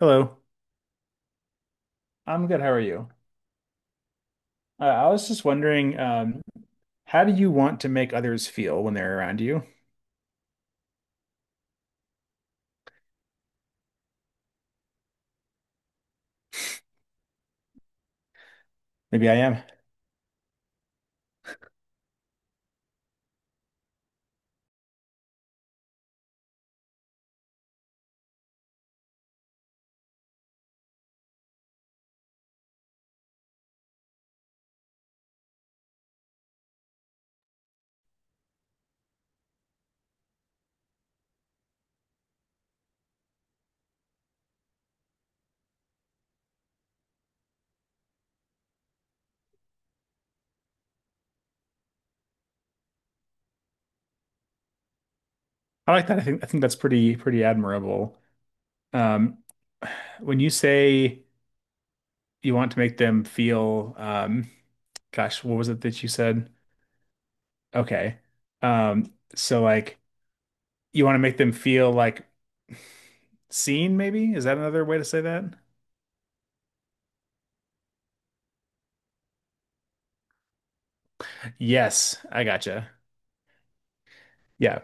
Hello, I'm good. How are you? I was just wondering, how do you want to make others feel when they're around you? Maybe I am. I like that. I think that's pretty admirable. Um, when you say you want to make them feel, gosh, what was it that you said? Okay. So like you want to make them feel like seen, maybe? Is that another way to say that? Yes, I gotcha. Yeah,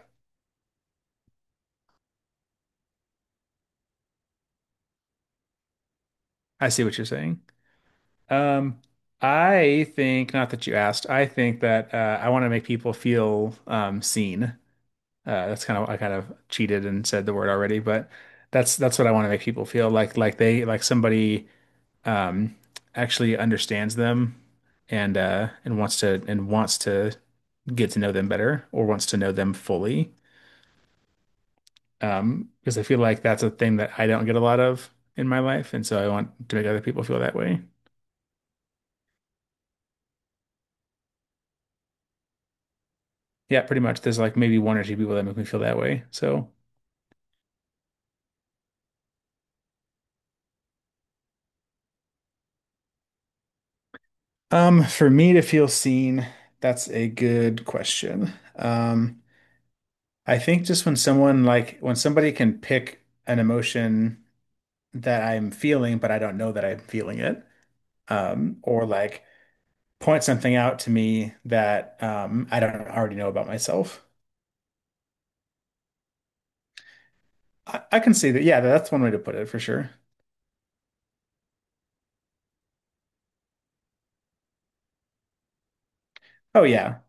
I see what you're saying. Um, I think not that you asked. I think that I want to make people feel seen. That's kind of I kind of cheated and said the word already, but that's what I want to make people feel like they like somebody um, actually understands them and wants to get to know them better or wants to know them fully. Because I feel like that's a thing that I don't get a lot of in my life, and so I want to make other people feel that way. Yeah, pretty much. There's like maybe one or two people that make me feel that way. So, for me to feel seen, that's a good question. I think just when someone like when somebody can pick an emotion that I'm feeling, but I don't know that I'm feeling it, or point something out to me that I don't already know about myself. I can see that. Yeah, that's one way to put it for sure. Oh yeah.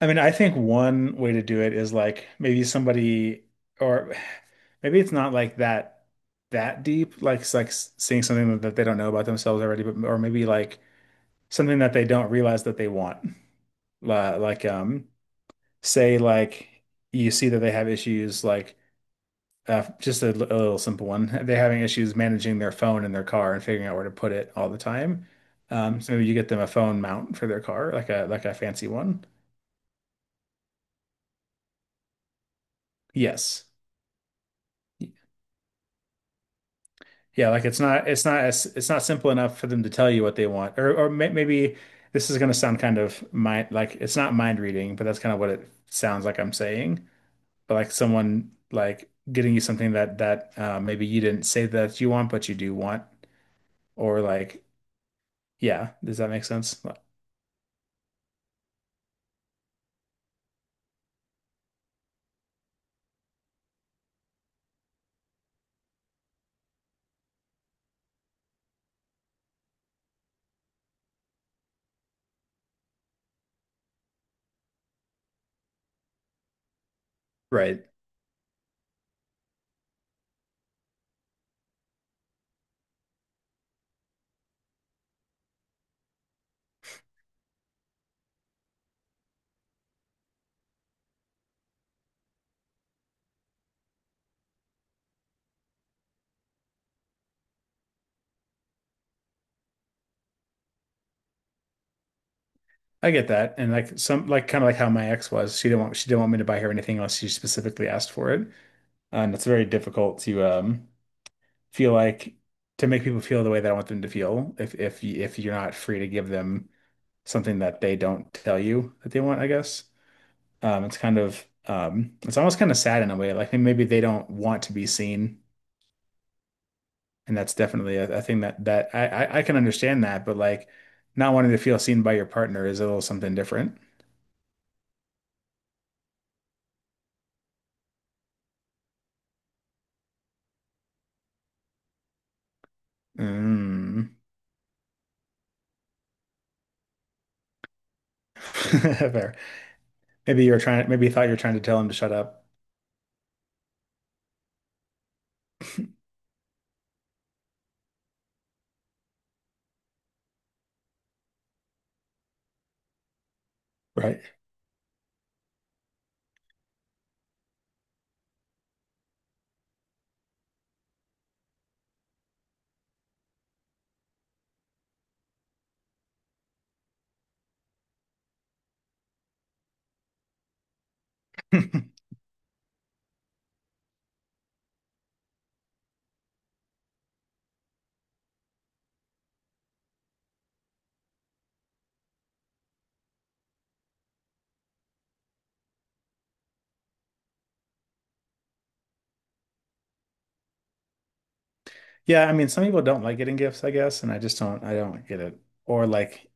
I mean, I think one way to do it is like maybe somebody, or maybe it's not like that deep, like seeing something that they don't know about themselves already, but or maybe like something that they don't realize that they want. Like, say like you see that they have issues, like just a little simple one. They're having issues managing their phone in their car and figuring out where to put it all the time. So maybe you get them a phone mount for their car, like a fancy one. Yes. Yeah, like it's not simple enough for them to tell you what they want. Or maybe this is going to sound kind of mind like it's not mind reading, but that's kind of what it sounds like I'm saying. But like someone like getting you something that maybe you didn't say that you want, but you do want. Or like yeah, does that make sense? Right. I get that. And like some like kind of like how my ex was. She didn't want me to buy her anything unless she specifically asked for it. And it's very difficult to feel like to make people feel the way that I want them to feel. If you're not free to give them something that they don't tell you that they want, I guess. It's kind of it's almost kind of sad in a way. Like maybe they don't want to be seen, and that's definitely a thing that that I can understand that. But like not wanting to feel seen by your partner is a little something different. Mm. Fair. Maybe you were trying. Maybe you thought you were trying to tell him to shut up, right? Yeah, I mean, some people don't like getting gifts, I guess, and I don't get it. Or like,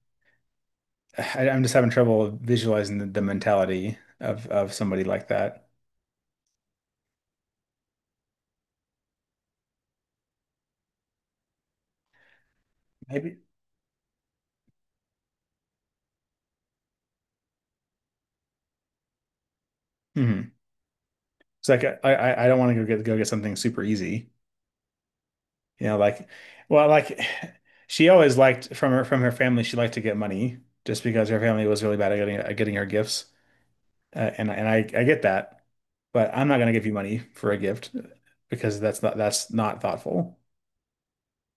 I'm just having trouble visualizing the mentality of somebody like that. Maybe. Hmm. It's like I don't want to go get something super easy, you know, like, well, like she always liked from her family, she liked to get money just because her family was really bad at getting her gifts, and I get that, but I'm not gonna give you money for a gift because that's not thoughtful.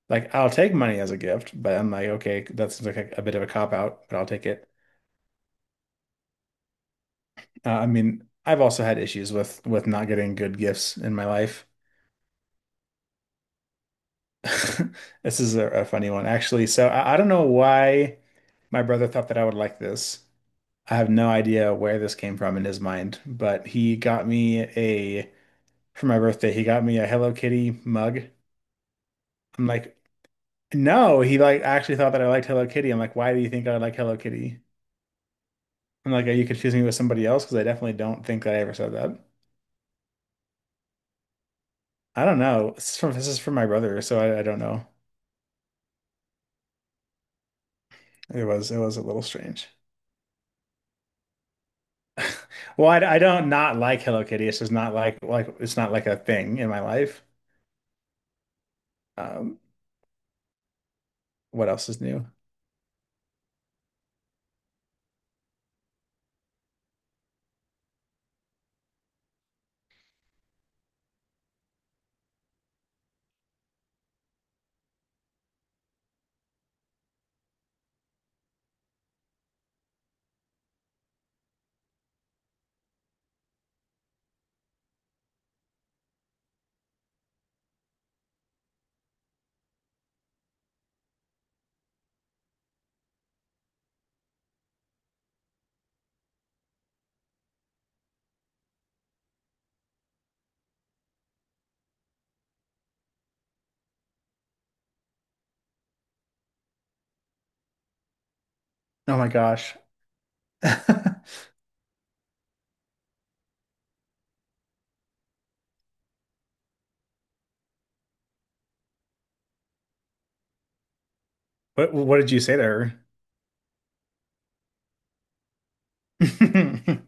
Like I'll take money as a gift, but I'm like, okay, that seems like a bit of a cop out, but I'll take it. I mean, I've also had issues with not getting good gifts in my life. This is a funny one, actually. So I don't know why my brother thought that I would like this. I have no idea where this came from in his mind, but he got me a Hello Kitty mug. I'm like, no, he like actually thought that I liked Hello Kitty. I'm like, why do you think I like Hello Kitty? I'm like, are you confusing me with somebody else? Because I definitely don't think that I ever said that. I don't know. This is from my brother, so I don't know. It was a little strange. Well, I don't not like Hello Kitty. It's just not like like it's not like a thing in my life. Um, what else is new? Oh my gosh. What did you say there? That's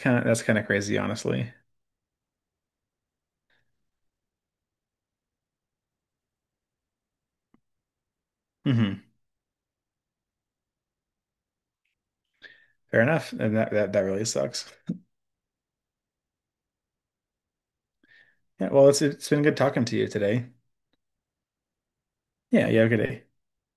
kind of crazy, honestly. Hmm. Fair enough. And that that really sucks. Yeah, well, it's been good talking to you today. Yeah, you have a good day.